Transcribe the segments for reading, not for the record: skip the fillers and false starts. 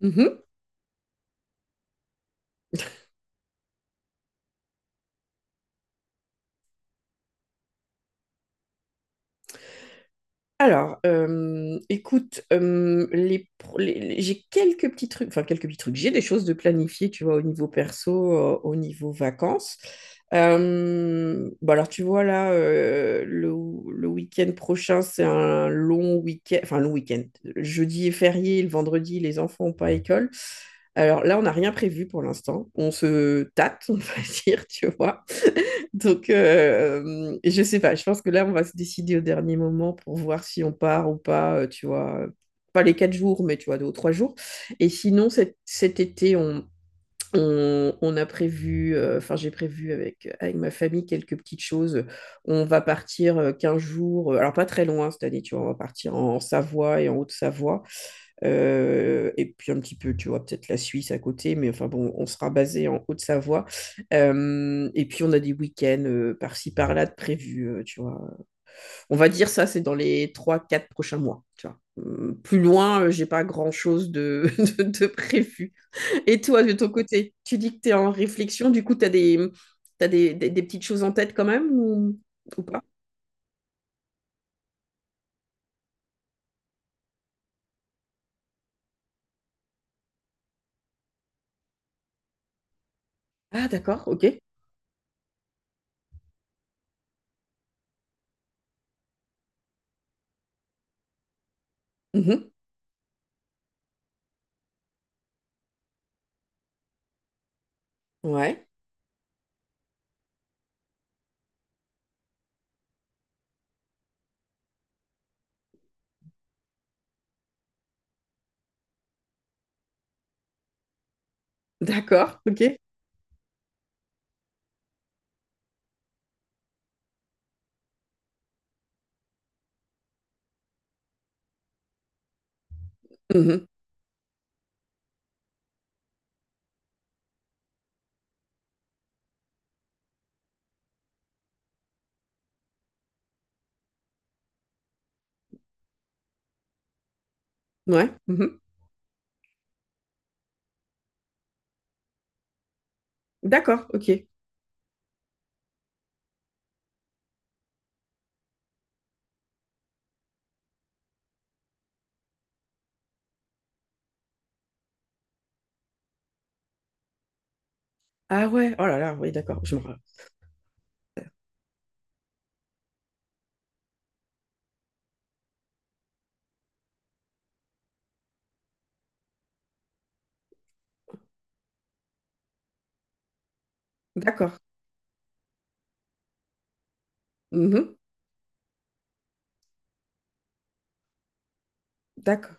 Mhm. Alors, écoute, les, pro- les- j'ai quelques petits trucs, enfin quelques petits trucs, j'ai des choses de planifier, tu vois, au niveau perso, au niveau vacances. Bah alors, tu vois, là, le week-end prochain, c'est un long week-end, enfin, long week-end. Le jeudi est férié, le vendredi, les enfants n'ont pas école. Alors là, on n'a rien prévu pour l'instant. On se tâte, on va dire, tu vois. Donc, je sais pas, je pense que là, on va se décider au dernier moment pour voir si on part ou pas, tu vois. Pas les quatre jours, mais tu vois, deux ou trois jours. Et sinon, cet été, on a prévu, enfin j'ai prévu avec ma famille quelques petites choses. On va partir 15 jours, alors pas très loin cette année, tu vois, on va partir en Savoie et en Haute-Savoie. Et puis un petit peu, tu vois, peut-être la Suisse à côté, mais enfin bon, on sera basé en Haute-Savoie. Et puis on a des week-ends par-ci, par-là de prévus, tu vois. On va dire ça, c'est dans les trois-quatre prochains mois, tu vois. Plus loin, j'ai pas grand-chose de prévu. Et toi, de ton côté, tu dis que tu es en réflexion, du coup, tu as des, t'as des petites choses en tête quand même ou pas? Ah, d'accord, ok. Mhm. Ouais, d'accord, ok. Mhm. Ouais, mhm. D'accord, ok. Ah ouais, oh là là, oui, d'accord, rappelle. D'accord, mhm. D'accord,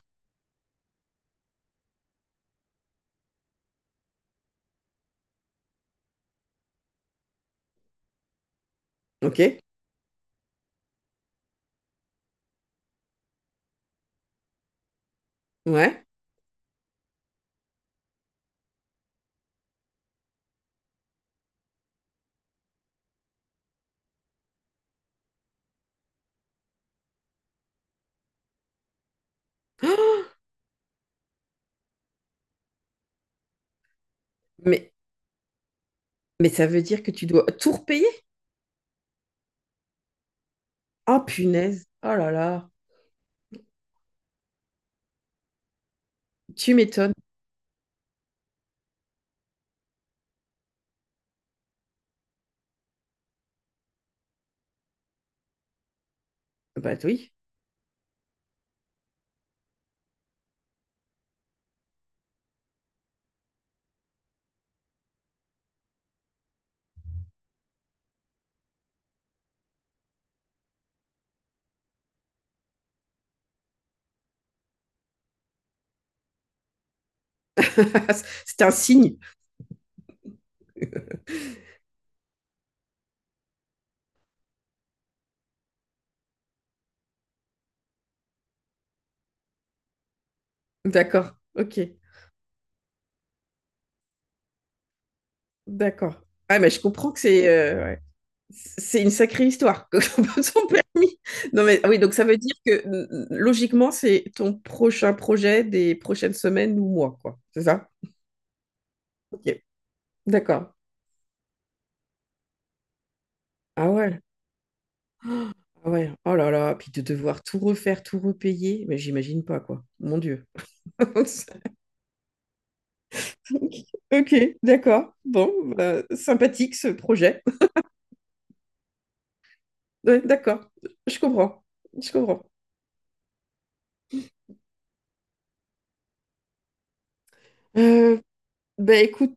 ok, ouais. Mais, mais ça veut dire que tu dois tout repayer? Oh punaise, oh là là, tu m'étonnes. Bah oui, c'est un signe. D'accord, ok. D'accord. Ah, mais je comprends que c'est ouais. C'est une sacrée histoire, que ton permis. Non, mais ah oui, donc ça veut dire que logiquement, c'est ton prochain projet des prochaines semaines ou mois, quoi. C'est ça? Ok. D'accord. Ah ouais. Ah ouais. Oh là là. Puis de devoir tout refaire, tout repayer, mais j'imagine pas, quoi. Mon Dieu. Ok, d'accord. Bon, bah, sympathique ce projet. Ouais, d'accord. Je comprends. Je comprends. Euh, bah, écoute.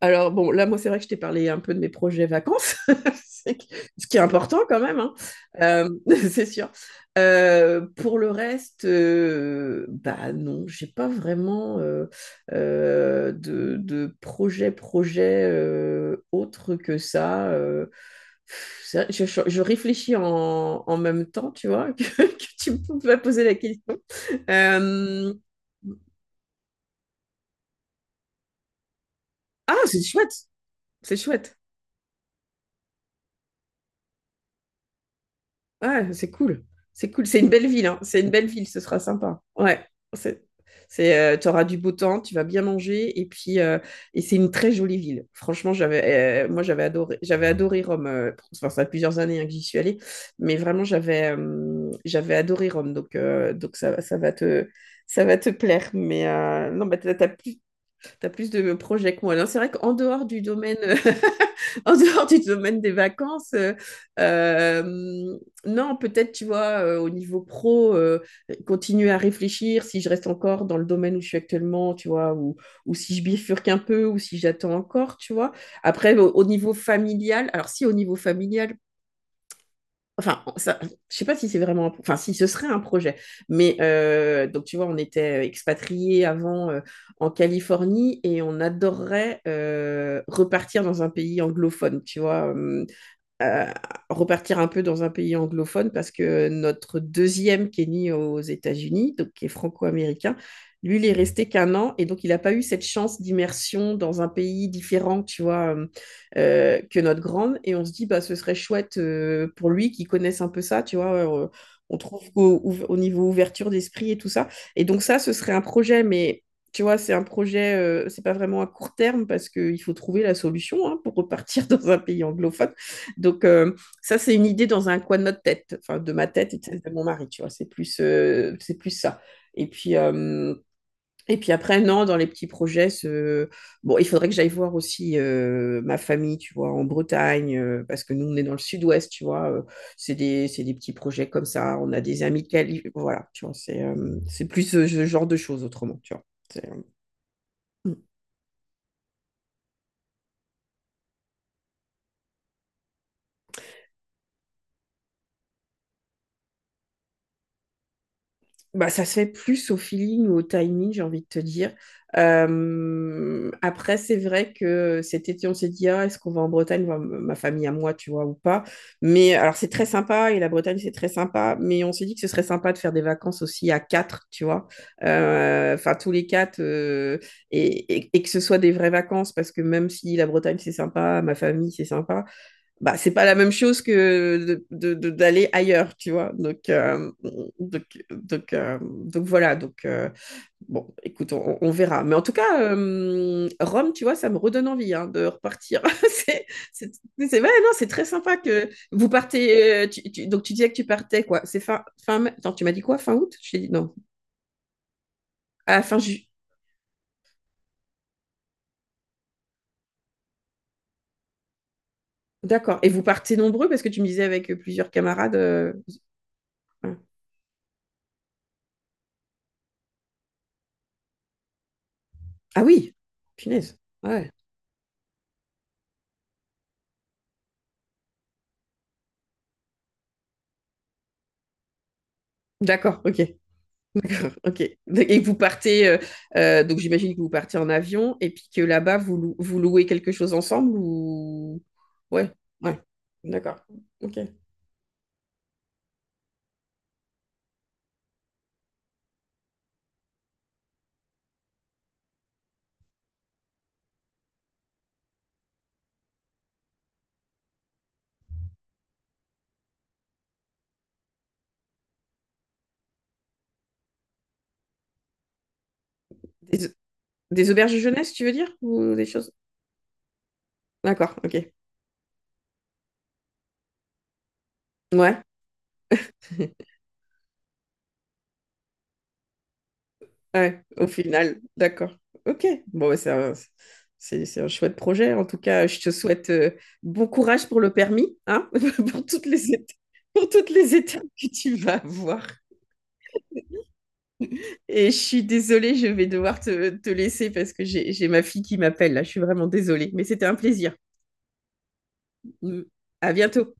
Alors bon, là, moi, c'est vrai que je t'ai parlé un peu de mes projets vacances, c'est que- ce qui est important quand même, hein. Euh, c'est sûr. Pour le reste, bah non, j'ai pas vraiment de projet, projet autre que ça. Ça, je réfléchis en même temps, tu vois, que tu peux poser la question. Euh, ah, c'est chouette, c'est chouette. Ouais, c'est cool. C'est cool. C'est une belle ville, hein. C'est une belle ville, ce sera sympa. Ouais. C'est, tu auras du beau temps, tu vas bien manger. Et puis, et c'est une très jolie ville. Franchement, moi, j'avais adoré Rome. Enfin, ça fait plusieurs années hein, que j'y suis allée. Mais vraiment, j'avais adoré Rome. Donc ça, ça va te plaire. Mais non, bah, tu as plus de projets que moi. Non, c'est vrai qu'en dehors du domaine, en dehors du domaine des vacances, euh, non, peut-être, tu vois, au niveau pro, continuer à réfléchir si je reste encore dans le domaine où je suis actuellement, tu vois, ou si je bifurque un peu, ou si j'attends encore, tu vois. Après, au niveau familial, alors si au niveau familial, enfin, ça, je sais pas si c'est vraiment enfin si ce serait un projet, mais donc tu vois, on était expatriés avant en Californie et on adorerait repartir dans un pays anglophone, tu vois. Euh, Repartir un peu dans un pays anglophone parce que notre deuxième qui est né aux États-Unis, donc qui est franco-américain, lui, il est resté qu'un an et donc il n'a pas eu cette chance d'immersion dans un pays différent, tu vois, que notre grande. Et on se dit, bah, ce serait chouette pour lui qu'il connaisse un peu ça, tu vois. On trouve au niveau ouverture d'esprit et tout ça. Et donc ça, ce serait un projet, mais tu vois, c'est un projet, c'est pas vraiment à court terme parce qu'il faut trouver la solution hein, pour repartir dans un pays anglophone. Donc, ça, c'est une idée dans un coin de notre tête, enfin, de ma tête et de celle de mon mari, tu vois. C'est plus ça. Et puis, euh, et puis après, non, dans les petits projets, bon, il faudrait que j'aille voir aussi ma famille, tu vois, en Bretagne, parce que nous, on est dans le sud-ouest, tu vois. C'est des, c'est des petits projets comme ça. On a des amis de Cali, voilà, tu vois. C'est plus ce ce genre de choses autrement, tu vois. C'est, euh, Bah, ça se fait plus au feeling ou au timing, j'ai envie de te dire. Après, c'est vrai que cet été, on s'est dit, ah, est-ce qu'on va en Bretagne, ma famille à moi, tu vois, ou pas. Mais alors, c'est très sympa, et la Bretagne, c'est très sympa, mais on s'est dit que ce serait sympa de faire des vacances aussi à quatre, tu vois. Enfin, tous les quatre, et que ce soit des vraies vacances, parce que même si la Bretagne, c'est sympa, ma famille, c'est sympa, bah, c'est pas la même chose que d'aller ailleurs, tu vois. Donc, donc, donc voilà. Donc, bon, écoute, on verra. Mais en tout cas, Rome, tu vois, ça me redonne envie hein, de repartir. C'est, ouais, non, c'est très sympa que vous partez. Donc, tu disais que tu partais, quoi. Fin mai. Attends, tu m'as dit quoi? Fin août? Je t'ai dit non. Ah, fin juillet. D'accord. Et vous partez nombreux parce que tu me disais avec plusieurs camarades. Ah oui, punaise. Ouais. D'accord, ok. D'accord, ok. Et vous partez, donc j'imagine que vous partez en avion et puis que là-bas, vous louez quelque chose ensemble ou... Ouais, ouais, d'accord, ok. Des, des auberges jeunesse, tu veux dire? Ou des choses? D'accord, ok. Ouais, ouais, au final, d'accord. Ok, bon, bah, c'est un chouette projet. En tout cas, je te souhaite bon courage pour le permis, hein, pour toutes les étapes, pour toutes les étapes que tu vas avoir. Et je suis désolée, je vais devoir te laisser parce que j'ai ma fille qui m'appelle là. Je suis vraiment désolée, mais c'était un plaisir. Mm. À bientôt.